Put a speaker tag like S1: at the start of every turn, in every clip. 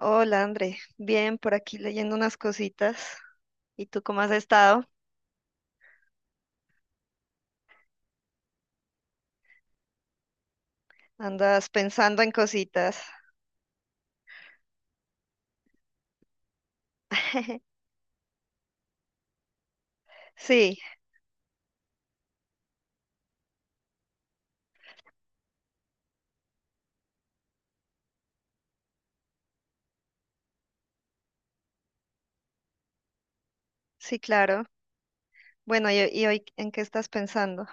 S1: Hola, André. Bien, por aquí leyendo unas cositas. ¿Y tú cómo has estado? ¿Andas pensando en cositas? Sí, sí, claro. Bueno, ¿y hoy en qué estás pensando?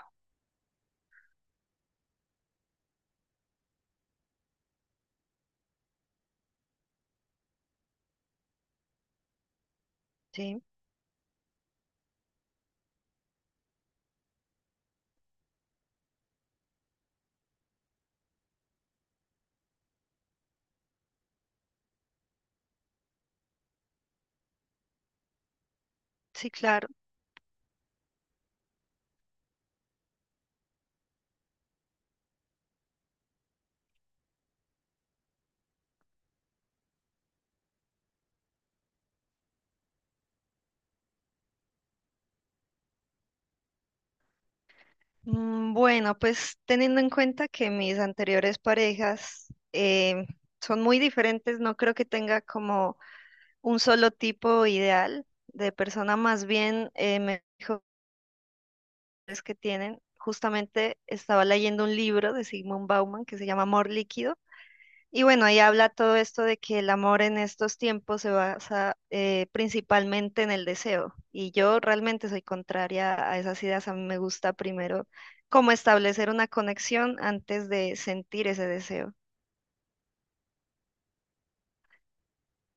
S1: Sí, sí, claro. Bueno, pues teniendo en cuenta que mis anteriores parejas eh, son muy diferentes, no creo que tenga como un solo tipo ideal de persona, más bien me que tienen. Justamente estaba leyendo un libro de Sigmund Bauman que se llama Amor Líquido. Y bueno, ahí habla todo esto de que el amor en estos tiempos se basa principalmente en el deseo. Y yo realmente soy contraria a esas ideas. A mí me gusta primero como establecer una conexión antes de sentir ese deseo.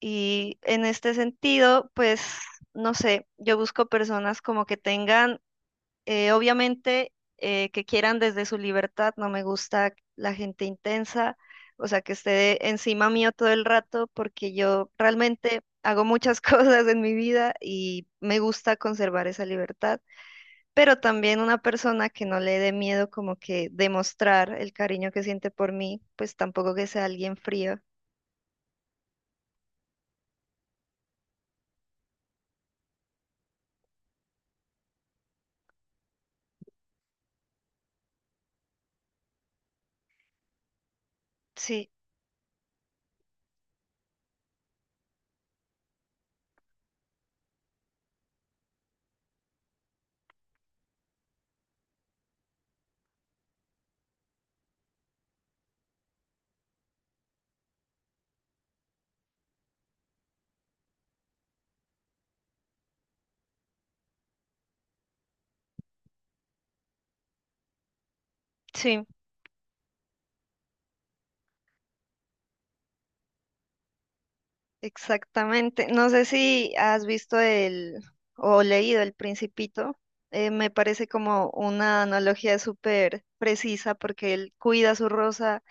S1: Y en este sentido, pues, no sé, yo busco personas como que tengan obviamente que quieran desde su libertad, no me gusta la gente intensa, o sea, que esté encima mío todo el rato, porque yo realmente hago muchas cosas en mi vida y me gusta conservar esa libertad, pero también una persona que no le dé miedo como que demostrar el cariño que siente por mí, pues tampoco que sea alguien frío. Sí, sí. Exactamente. No sé si has visto el o leído El Principito. Me parece como una analogía súper precisa porque él cuida su rosa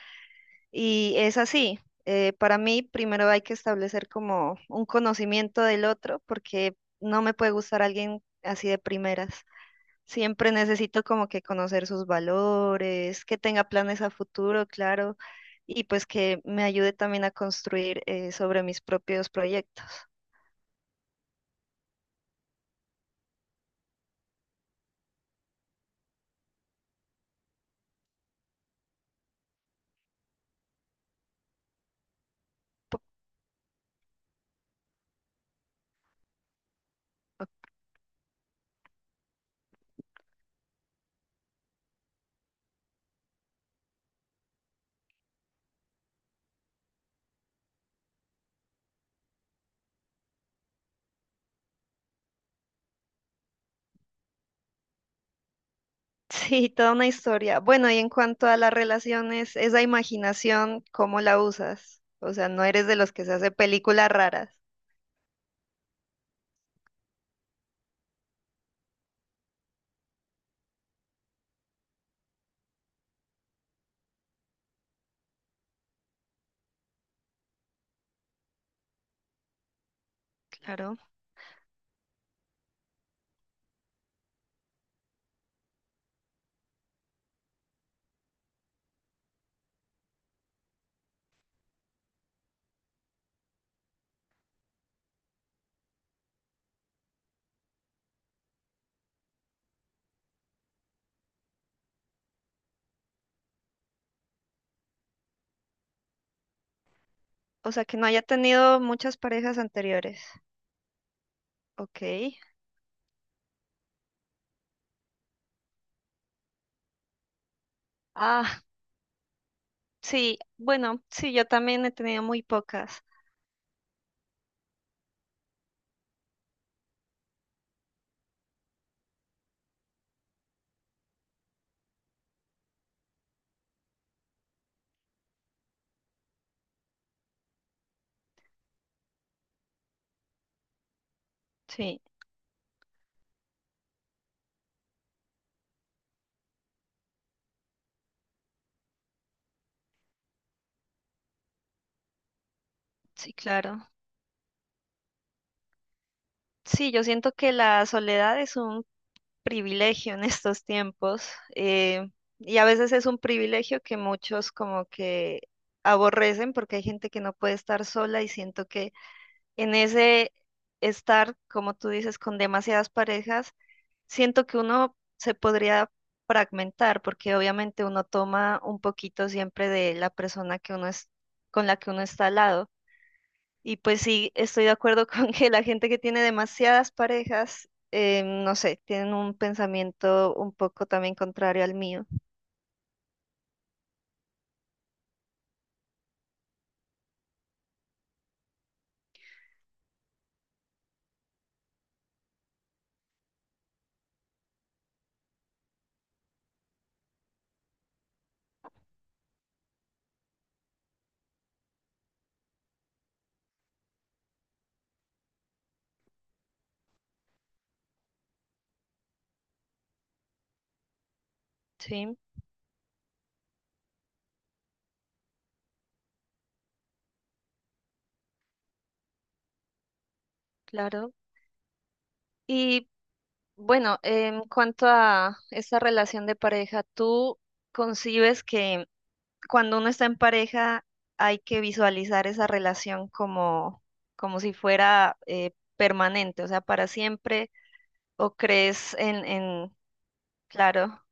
S1: y es así. Para mí, primero hay que establecer como un conocimiento del otro porque no me puede gustar alguien así de primeras. Siempre necesito como que conocer sus valores, que tenga planes a futuro, claro, y pues que me ayude también a construir sobre mis propios proyectos. Sí, toda una historia. Bueno, y en cuanto a las relaciones, esa imaginación, ¿cómo la usas? O sea, no eres de los que se hace películas raras. Claro. O sea, que no haya tenido muchas parejas anteriores. Ok. Ah, sí, bueno, sí, yo también he tenido muy pocas. Sí, sí, claro. Sí, yo siento que la soledad es un privilegio en estos tiempos eh, y a veces es un privilegio que muchos como que aborrecen porque hay gente que no puede estar sola y siento que en ese estar, como tú dices, con demasiadas parejas, siento que uno se podría fragmentar porque obviamente uno toma un poquito siempre de la persona que uno es, con la que uno está al lado. Y pues sí, estoy de acuerdo con que la gente que tiene demasiadas parejas, no sé, tienen un pensamiento un poco también contrario al mío. Sí, claro. Y bueno, en cuanto a esta relación de pareja, ¿tú concibes que cuando uno está en pareja hay que visualizar esa relación como, como si fuera permanente, o sea, para siempre? ¿O crees en... Claro,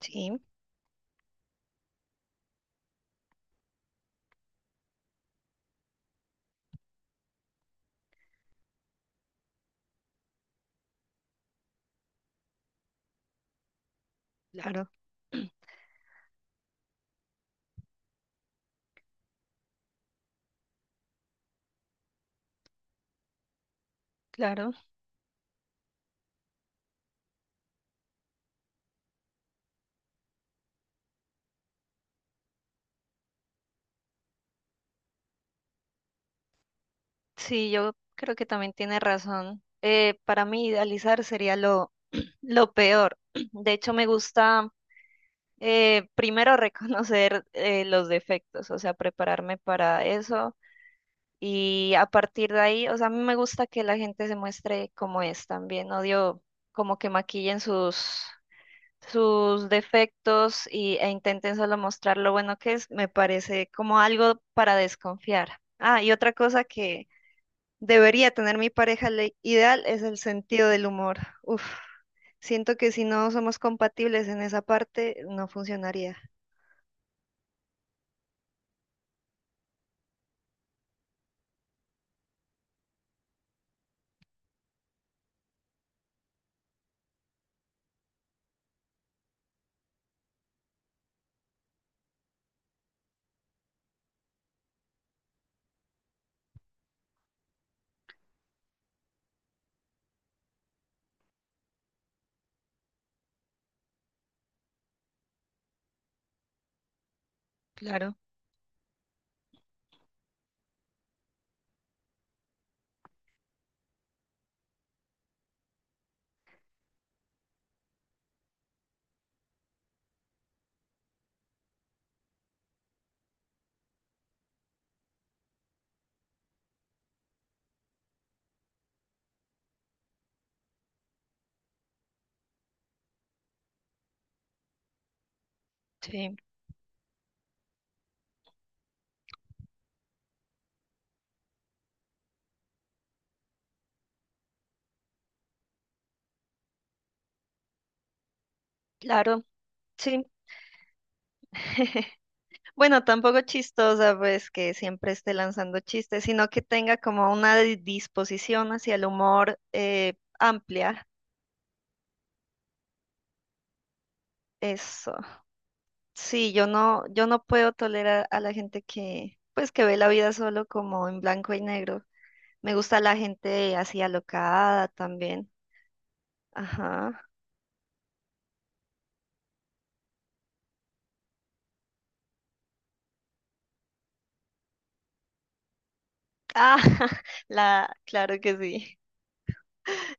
S1: sí, claro, claro. Sí, yo creo que también tiene razón. Para mí idealizar sería lo, lo peor. De hecho, me gusta primero reconocer los defectos, o sea, prepararme para eso. Y a partir de ahí, o sea, a mí me gusta que la gente se muestre como es también. Odio como que maquillen sus, sus defectos y, e intenten solo mostrar lo bueno que es. Me parece como algo para desconfiar. Ah, y otra cosa que debería tener mi pareja ideal es el sentido del humor. Uf, siento que si no somos compatibles en esa parte, no funcionaría. Claro, sí, claro, sí. Bueno, tampoco chistosa, pues que siempre esté lanzando chistes, sino que tenga como una disposición hacia el humor amplia. Eso. Yo no puedo tolerar a la gente que, pues, que ve la vida solo como en blanco y negro. Me gusta la gente así alocada también. Ajá. Ah, la, claro que sí.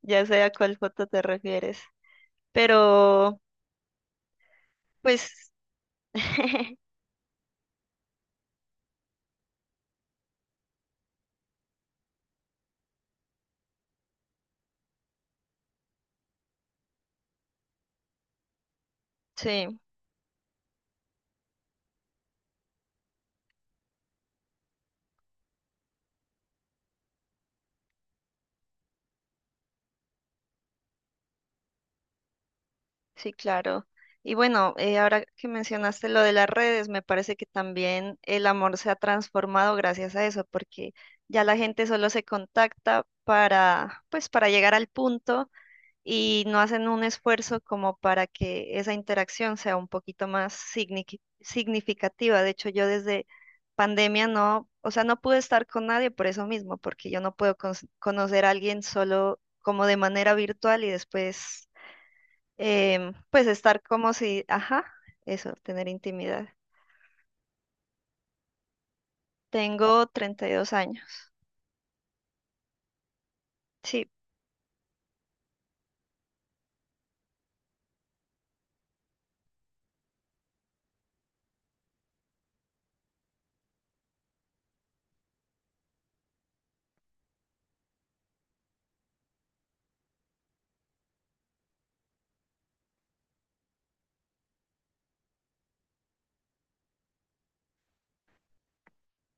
S1: Ya sé a cuál foto te refieres. Pero, pues, sí, sí, claro. Y bueno, ahora que mencionaste lo de las redes, me parece que también el amor se ha transformado gracias a eso, porque ya la gente solo se contacta para, pues, para llegar al punto y no hacen un esfuerzo como para que esa interacción sea un poquito más significativa. De hecho, yo desde pandemia no, o sea, no pude estar con nadie por eso mismo, porque yo no puedo conocer a alguien solo como de manera virtual y después, pues estar como si, ajá, eso, tener intimidad. Tengo 32 años. Sí,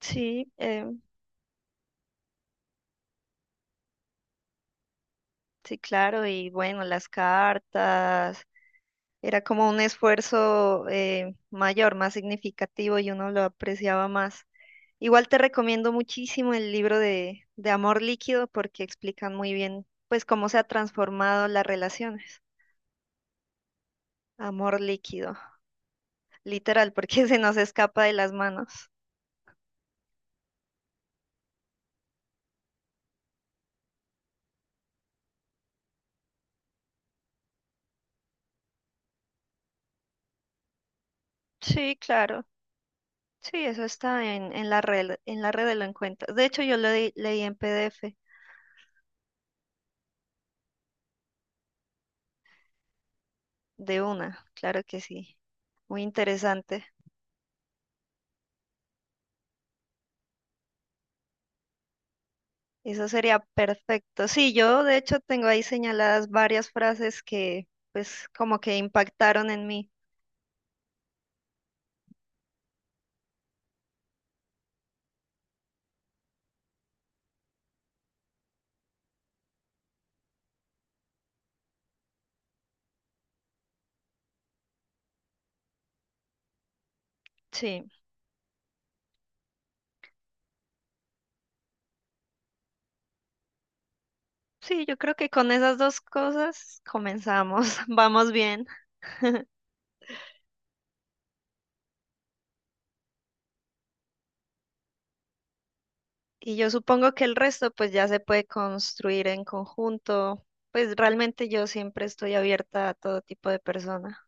S1: sí, em, sí, claro, y bueno, las cartas. Era como un esfuerzo mayor, más significativo y uno lo apreciaba más. Igual te recomiendo muchísimo el libro de Amor Líquido porque explican muy bien pues cómo se ha transformado las relaciones. Amor líquido, literal, porque se nos escapa de las manos. Sí, claro. Sí, eso está en la red, en la red de lo encuentras. De hecho, yo lo leí en PDF de una, claro que sí. Muy interesante. Eso sería perfecto. Sí, yo de hecho tengo ahí señaladas varias frases que pues como que impactaron en mí. Sí, sí, yo creo que con esas dos cosas comenzamos, vamos bien. Y yo supongo que el resto pues ya se puede construir en conjunto. Pues realmente yo siempre estoy abierta a todo tipo de persona.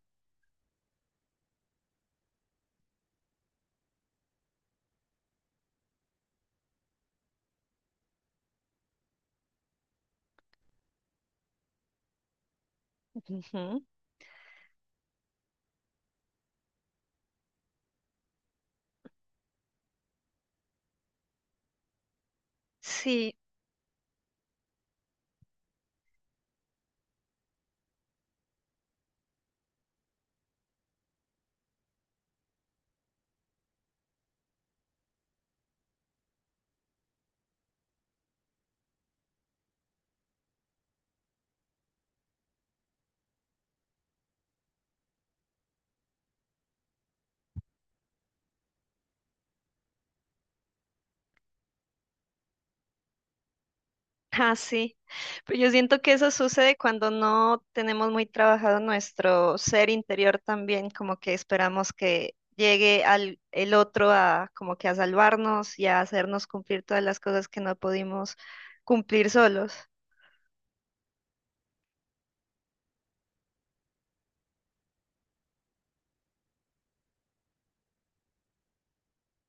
S1: Ujú. Sí. Ah, sí. Pero yo siento que eso sucede cuando no tenemos muy trabajado nuestro ser interior también, como que esperamos que llegue al el otro a como que a salvarnos y a hacernos cumplir todas las cosas que no pudimos cumplir solos.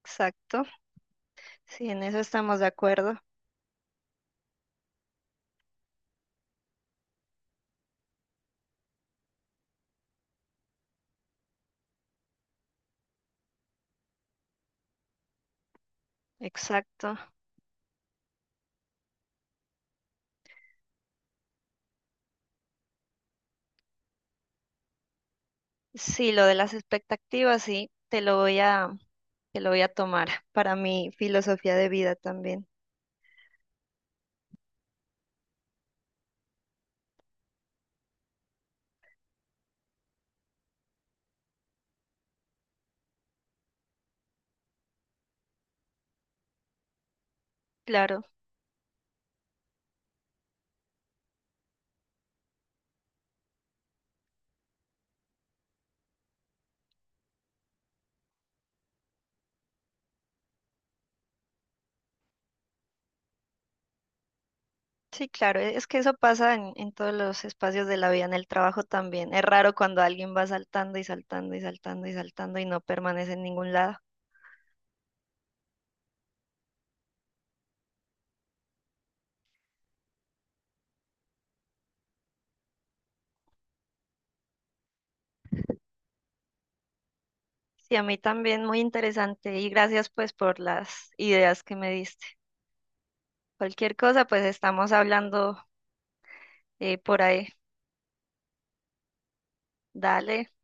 S1: Exacto. Sí, en eso estamos de acuerdo. Exacto. Sí, lo de las expectativas, sí, te lo voy a tomar para mi filosofía de vida también. Claro. Sí, claro, e, es que eso pasa en todos los espacios de la vida, en el trabajo también. Es raro cuando alguien va saltando y saltando y saltando y saltando y no permanece en ningún lado. Sí, a mí también muy interesante y gracias pues por las ideas que me diste. Cualquier cosa, pues estamos hablando por ahí. Dale.